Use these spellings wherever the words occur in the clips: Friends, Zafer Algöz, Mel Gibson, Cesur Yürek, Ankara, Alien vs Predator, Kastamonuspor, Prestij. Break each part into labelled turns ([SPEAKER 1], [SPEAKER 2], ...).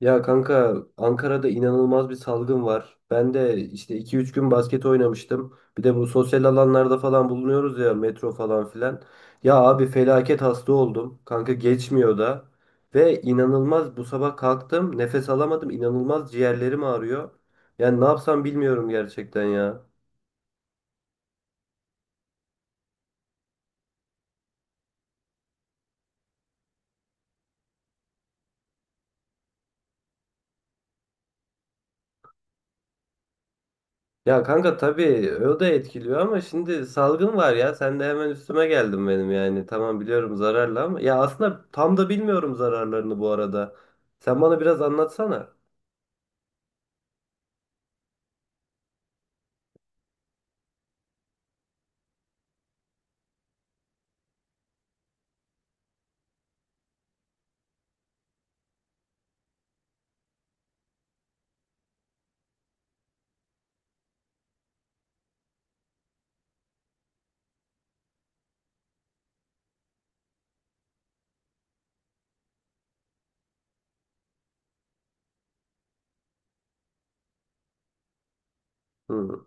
[SPEAKER 1] Ya kanka Ankara'da inanılmaz bir salgın var. Ben de işte 2-3 gün basket oynamıştım. Bir de bu sosyal alanlarda falan bulunuyoruz ya metro falan filan. Ya abi felaket hasta oldum. Kanka geçmiyor da. Ve inanılmaz bu sabah kalktım nefes alamadım. İnanılmaz ciğerlerim ağrıyor. Yani ne yapsam bilmiyorum gerçekten ya. Ya kanka tabii o da etkiliyor ama şimdi salgın var ya sen de hemen üstüme geldin benim, yani tamam biliyorum zararlı ama ya aslında tam da bilmiyorum zararlarını bu arada. Sen bana biraz anlatsana. Hı.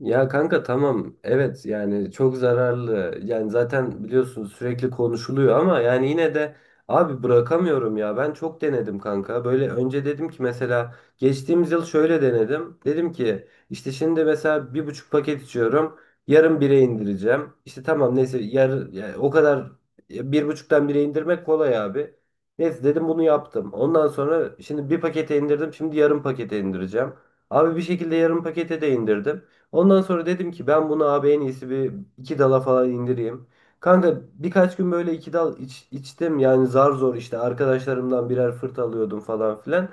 [SPEAKER 1] Ya kanka tamam, evet, yani çok zararlı, yani zaten biliyorsun sürekli konuşuluyor ama yani yine de abi bırakamıyorum ya. Ben çok denedim kanka. Böyle önce dedim ki mesela geçtiğimiz yıl şöyle denedim, dedim ki işte şimdi mesela 1,5 paket içiyorum, yarım bire indireceğim işte, tamam neyse yani o kadar, ya bir buçuktan bire indirmek kolay abi. Neyse dedim, bunu yaptım. Ondan sonra şimdi bir pakete indirdim, şimdi yarım pakete indireceğim. Abi bir şekilde yarım pakete de indirdim. Ondan sonra dedim ki ben bunu abi en iyisi bir iki dala falan indireyim. Kanka birkaç gün böyle iki dal içtim, yani zar zor işte arkadaşlarımdan birer fırt alıyordum falan filan.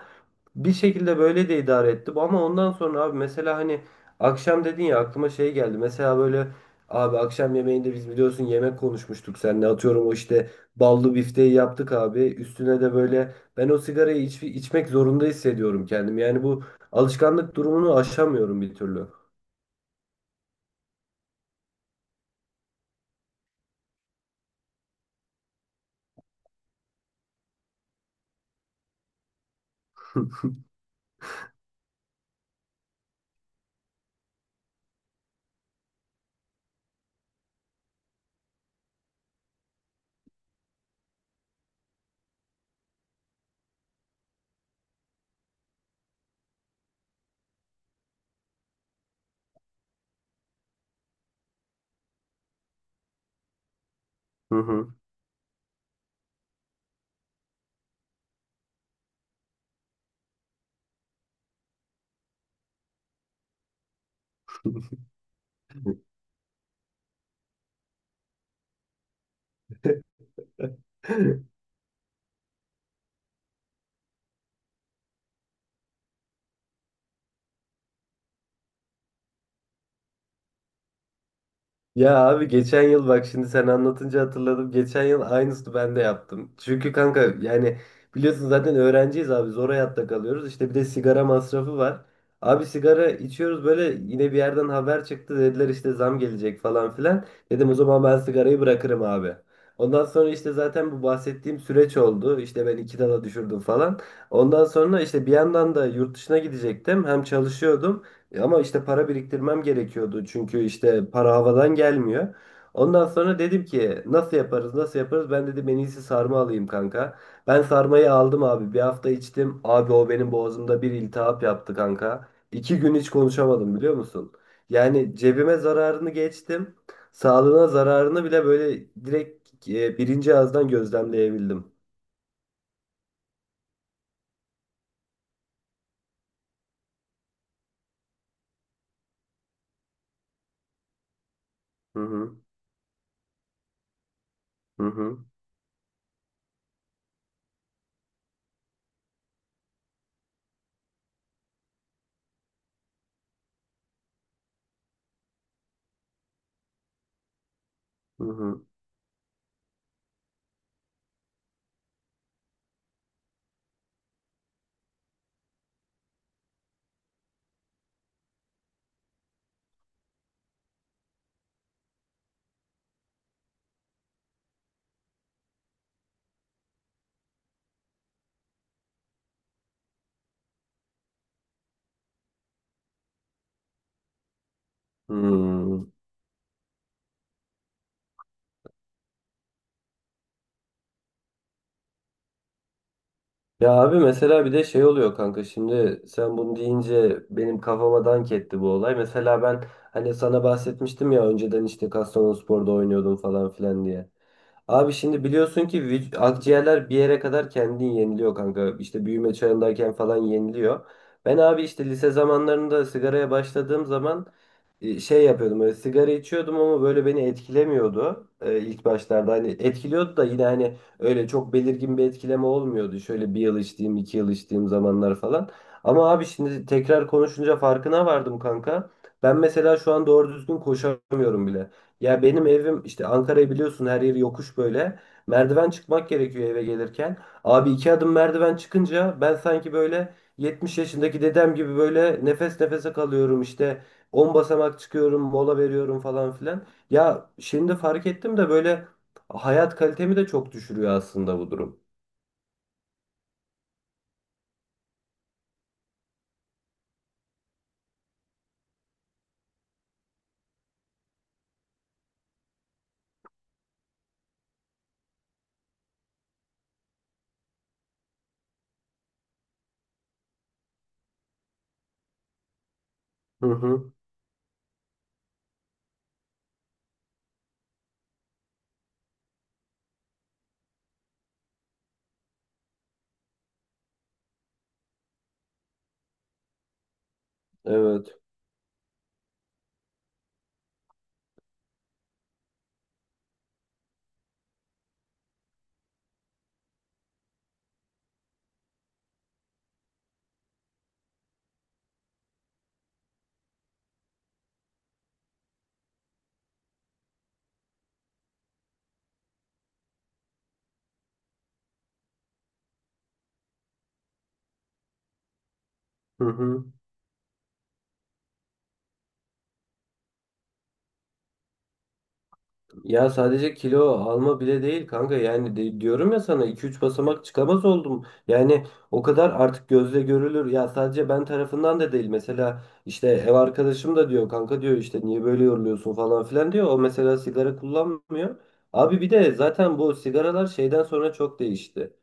[SPEAKER 1] Bir şekilde böyle de idare ettim ama ondan sonra abi mesela hani akşam dedin ya, aklıma şey geldi. Mesela böyle abi akşam yemeğinde biz biliyorsun yemek konuşmuştuk seninle, atıyorum o işte ballı bifteyi yaptık abi. Üstüne de böyle ben o sigarayı içmek zorunda hissediyorum kendim. Yani bu alışkanlık durumunu aşamıyorum bir türlü. Hı hı. Ya abi geçen yıl bak şimdi sen anlatınca hatırladım. Geçen yıl aynısını ben de yaptım. Çünkü kanka, yani biliyorsun zaten öğrenciyiz abi, zor hayatta kalıyoruz. İşte bir de sigara masrafı var. Abi sigara içiyoruz böyle, yine bir yerden haber çıktı, dediler işte zam gelecek falan filan. Dedim o zaman ben sigarayı bırakırım abi. Ondan sonra işte zaten bu bahsettiğim süreç oldu. İşte ben iki dala düşürdüm falan. Ondan sonra işte bir yandan da yurt dışına gidecektim. Hem çalışıyordum. E Ama işte para biriktirmem gerekiyordu, çünkü işte para havadan gelmiyor. Ondan sonra dedim ki nasıl yaparız, nasıl yaparız, ben dedim en iyisi sarma alayım kanka. Ben sarmayı aldım abi, bir hafta içtim abi, o benim boğazımda bir iltihap yaptı kanka. 2 gün hiç konuşamadım, biliyor musun? Yani cebime zararını geçtim, sağlığına zararını bile böyle direkt birinci ağızdan gözlemleyebildim. Hı hı, hı hı, hı hı. Hı. Ya abi mesela bir de şey oluyor kanka, şimdi sen bunu deyince benim kafama dank etti bu olay. Mesela ben hani sana bahsetmiştim ya önceden işte Kastamonuspor'da oynuyordum falan filan diye. Abi şimdi biliyorsun ki akciğerler bir yere kadar kendini yeniliyor kanka. İşte büyüme çağındayken falan yeniliyor. Ben abi işte lise zamanlarında sigaraya başladığım zaman şey yapıyordum. Böyle sigara içiyordum ama böyle beni etkilemiyordu ilk başlarda. Hani etkiliyordu da yine hani öyle çok belirgin bir etkileme olmuyordu. Şöyle bir yıl içtiğim, 2 yıl içtiğim zamanlar falan. Ama abi şimdi tekrar konuşunca farkına vardım kanka. Ben mesela şu an doğru düzgün koşamıyorum bile. Ya benim evim, işte Ankara'yı biliyorsun, her yeri yokuş böyle. Merdiven çıkmak gerekiyor eve gelirken. Abi iki adım merdiven çıkınca ben sanki böyle 70 yaşındaki dedem gibi böyle nefes nefese kalıyorum işte. 10 basamak çıkıyorum, mola veriyorum falan filan. Ya şimdi fark ettim de böyle, hayat kalitemi de çok düşürüyor aslında bu durum. Hı hı. Evet. Hı hı. Ya sadece kilo alma bile değil kanka, yani diyorum ya sana, 2-3 basamak çıkamaz oldum. Yani o kadar artık gözle görülür. Ya sadece ben tarafından da değil. Mesela işte ev arkadaşım da diyor kanka, diyor işte niye böyle yoruluyorsun falan filan diyor. O mesela sigara kullanmıyor. Abi bir de zaten bu sigaralar şeyden sonra çok değişti.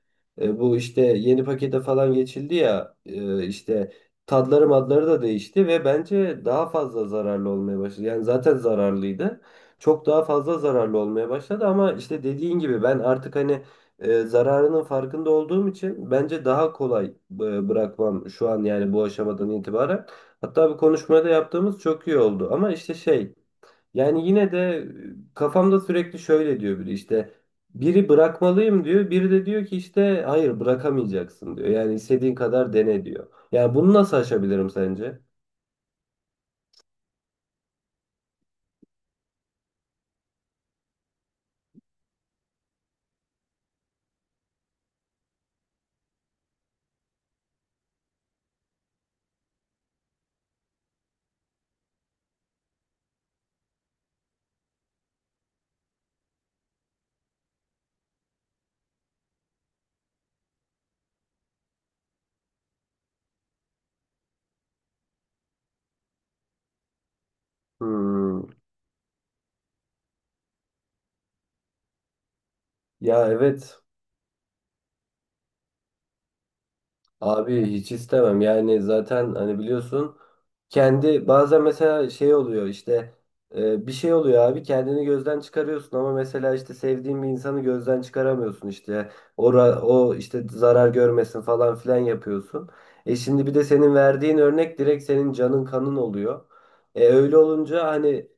[SPEAKER 1] E, bu işte yeni pakete falan geçildi ya, e, işte tadları madları da değişti ve bence daha fazla zararlı olmaya başladı. Yani zaten zararlıydı, çok daha fazla zararlı olmaya başladı ama işte dediğin gibi ben artık hani zararının farkında olduğum için bence daha kolay bırakmam şu an, yani bu aşamadan itibaren. Hatta bir konuşmada yaptığımız çok iyi oldu ama işte şey, yani yine de kafamda sürekli şöyle diyor biri, işte biri bırakmalıyım diyor, biri de diyor ki işte hayır bırakamayacaksın diyor, yani istediğin kadar dene diyor. Yani bunu nasıl aşabilirim sence? Hmm, ya evet. Abi hiç istemem, yani zaten hani biliyorsun kendi bazen mesela şey oluyor işte, bir şey oluyor abi, kendini gözden çıkarıyorsun ama mesela işte sevdiğin bir insanı gözden çıkaramıyorsun, işte o işte zarar görmesin falan filan yapıyorsun. E şimdi bir de senin verdiğin örnek direkt senin canın kanın oluyor. E öyle olunca hani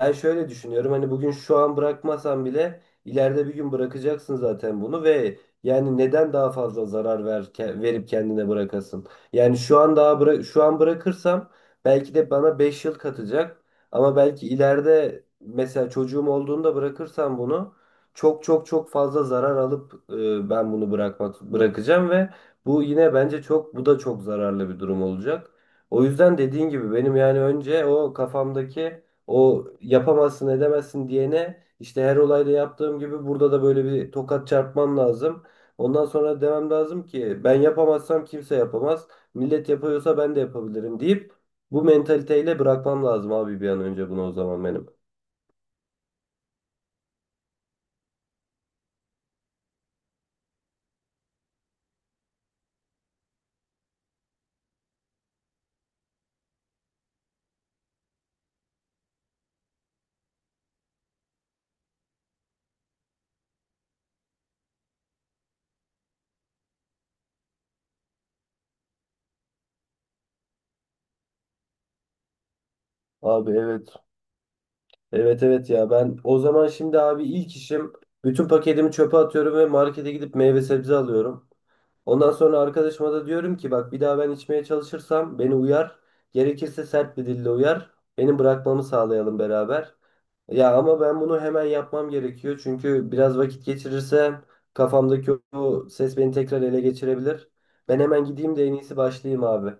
[SPEAKER 1] ben şöyle düşünüyorum, hani bugün şu an bırakmasan bile ileride bir gün bırakacaksın zaten bunu, ve yani neden daha fazla zarar verip kendine bırakasın? Yani şu an bırakırsam belki de bana 5 yıl katacak, ama belki ileride mesela çocuğum olduğunda bırakırsam bunu çok çok çok fazla zarar alıp ben bunu bırakacağım ve bu yine bence çok bu da çok zararlı bir durum olacak. O yüzden dediğin gibi benim, yani önce o kafamdaki o yapamazsın edemezsin diyene, işte her olayda yaptığım gibi burada da böyle bir tokat çarpmam lazım. Ondan sonra demem lazım ki ben yapamazsam kimse yapamaz. Millet yapıyorsa ben de yapabilirim deyip bu mentaliteyle bırakmam lazım abi bir an önce bunu o zaman benim. Abi evet. Evet, evet, ya ben o zaman şimdi abi ilk işim bütün paketimi çöpe atıyorum ve markete gidip meyve sebze alıyorum. Ondan sonra arkadaşıma da diyorum ki bak bir daha ben içmeye çalışırsam beni uyar. Gerekirse sert bir dille uyar. Benim bırakmamı sağlayalım beraber. Ya ama ben bunu hemen yapmam gerekiyor. Çünkü biraz vakit geçirirsem kafamdaki o ses beni tekrar ele geçirebilir. Ben hemen gideyim de en iyisi, başlayayım abi.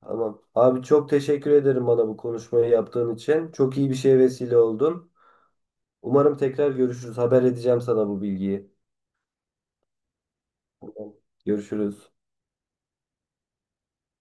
[SPEAKER 1] Tamam. Abi çok teşekkür ederim bana bu konuşmayı yaptığın için. Çok iyi bir şeye vesile oldun. Umarım tekrar görüşürüz. Haber edeceğim sana bu bilgiyi. Tamam. Görüşürüz.